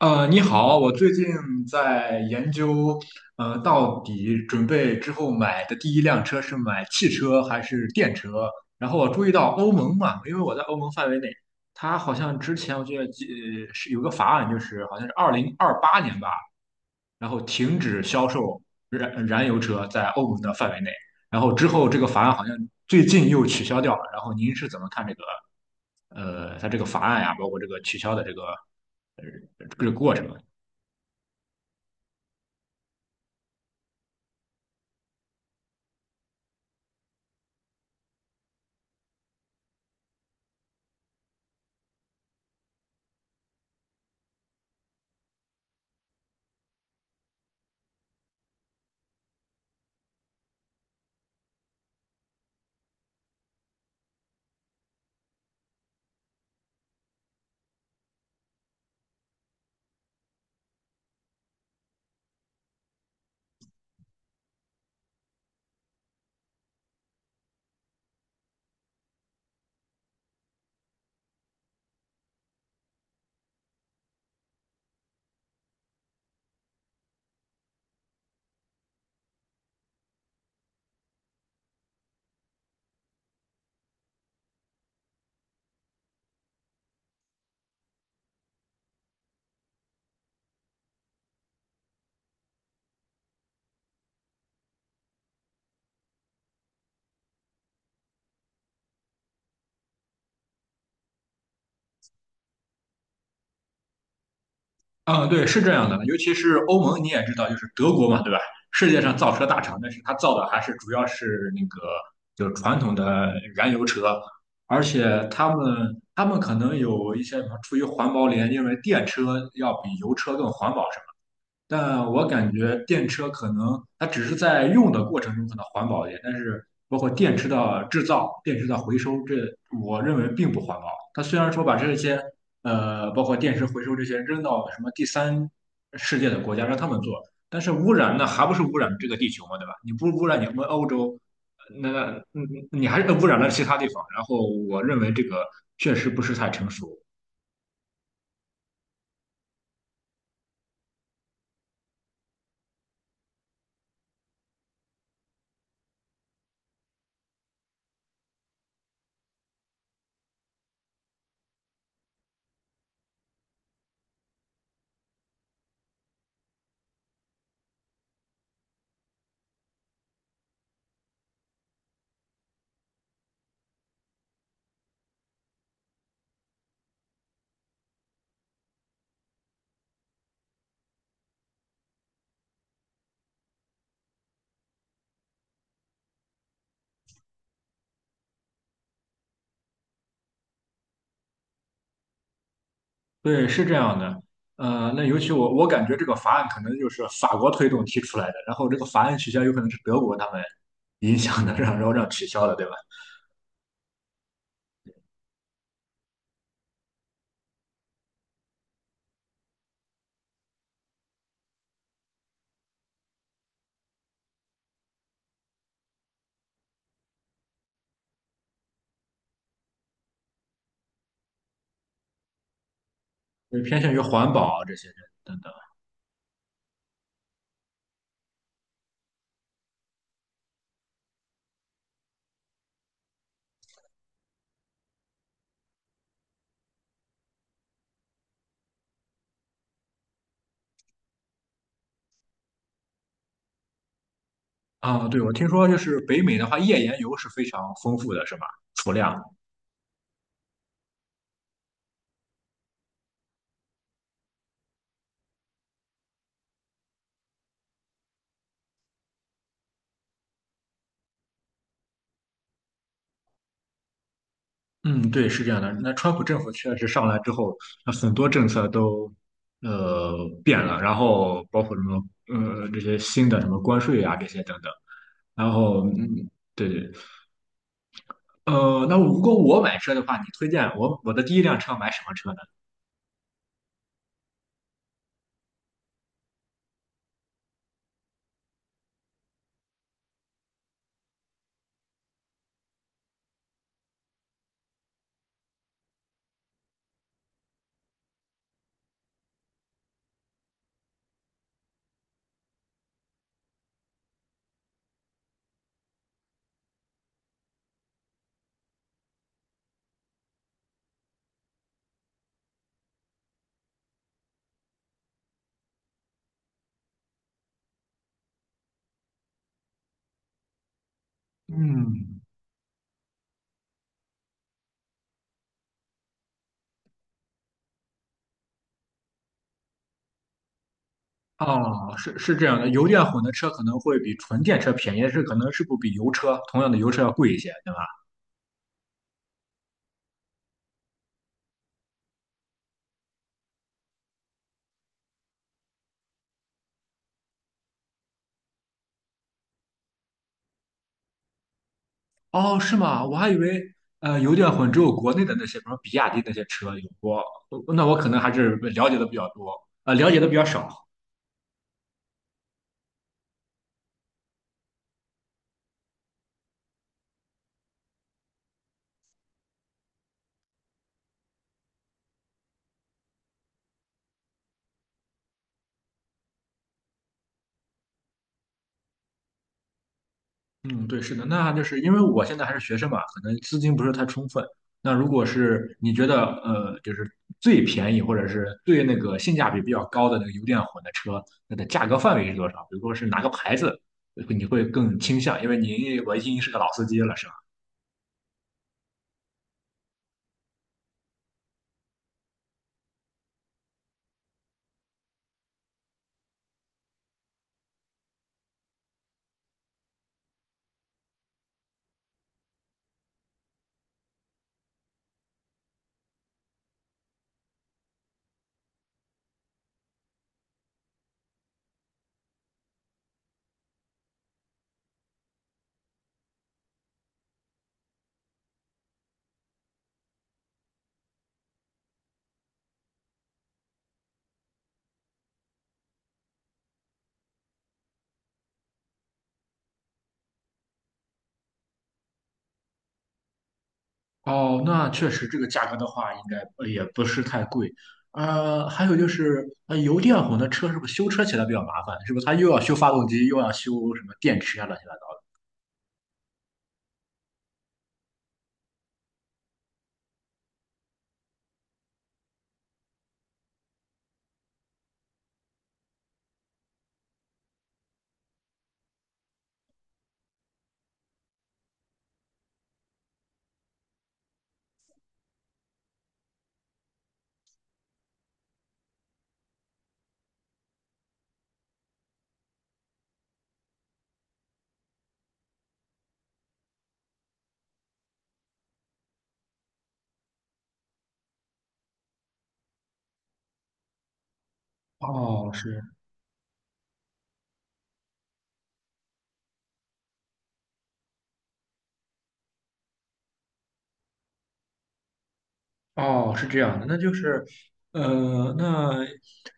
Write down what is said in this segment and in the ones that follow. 你好，我最近在研究，到底准备之后买的第一辆车是买汽车还是电车？然后我注意到欧盟嘛，因为我在欧盟范围内，它好像之前我记得是有个法案，就是好像是2028年吧，然后停止销售燃油车在欧盟的范围内，然后之后这个法案好像最近又取消掉了。然后您是怎么看这个它这个法案呀，包括这个取消的这个呃这个过程？嗯，对，是这样的，尤其是欧盟，你也知道，就是德国嘛，对吧？世界上造车大厂，但是它造的还是主要是那个就是传统的燃油车，而且他们可能有一些什么出于环保理因为电车要比油车更环保，什么。但我感觉电车可能它只是在用的过程中可能环保一点，但是包括电池的制造、电池的回收，这我认为并不环保。它虽然说把这些包括电池回收这些扔到什么第三世界的国家让他们做，但是污染那还不是污染这个地球嘛，对吧？你不污染你们欧洲，那嗯你还是污染了其他地方。然后我认为这个确实不是太成熟。对，是这样的，那尤其我感觉这个法案可能就是法国推动提出来的，然后这个法案取消有可能是德国他们影响的，让然后让取消的，对吧？就是偏向于环保啊这些等等啊。对，我听说就是北美的话，页岩油是非常丰富的，是吧？储量。嗯，对，是这样的。那川普政府确实上来之后，那很多政策都呃变了，然后包括什么这些新的什么关税啊这些等等，然后嗯，对对。那如果我买车的话，你推荐我的第一辆车买什么车呢？嗯。哦，是是这样的，油电混的车可能会比纯电车便宜，但是可能是不比油车同样的油车要贵一些，对吧？哦，是吗？我还以为油电混只有国内的那些，比如比亚迪那些车有过，我那我可能还是了解的比较多，了解的比较少。嗯，对，是的，那就是因为我现在还是学生嘛，可能资金不是太充分。那如果是你觉得就是最便宜或者是最那个性价比比较高的那个油电混的车，那的价格范围是多少？比如说是哪个牌子，你会更倾向？因为您我已经是个老司机了，是吧？哦，那确实这个价格的话，应该也不是太贵。还有就是，油电混的车是不是修车起来比较麻烦？是不是它又要修发动机，又要修什么电池啊，乱七八糟的？哦，是。哦，是这样的，那就是，那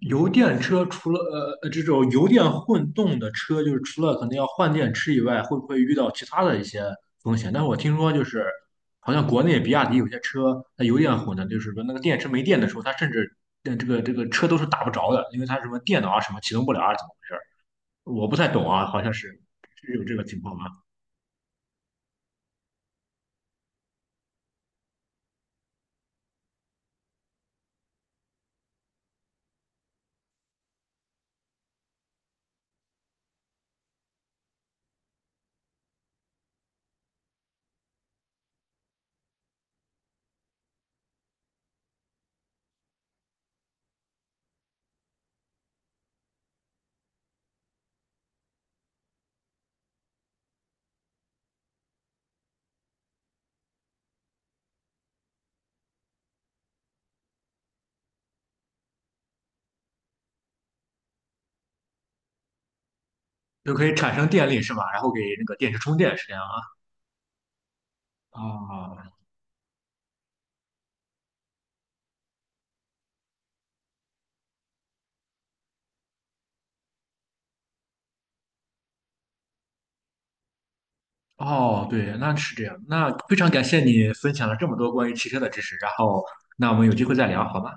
油电车除了这种油电混动的车，就是除了可能要换电池以外，会不会遇到其他的一些风险？但是我听说就是，好像国内比亚迪有些车它油电混的，就是说那个电池没电的时候，它甚至这个车都是打不着的，因为它什么电脑啊什么启动不了啊，怎么回事儿？我不太懂啊，好像是是有这个情况吗？就可以产生电力是吧？然后给那个电池充电是这样啊？啊，哦，对，那是这样。那非常感谢你分享了这么多关于汽车的知识，然后那我们有机会再聊，好吗？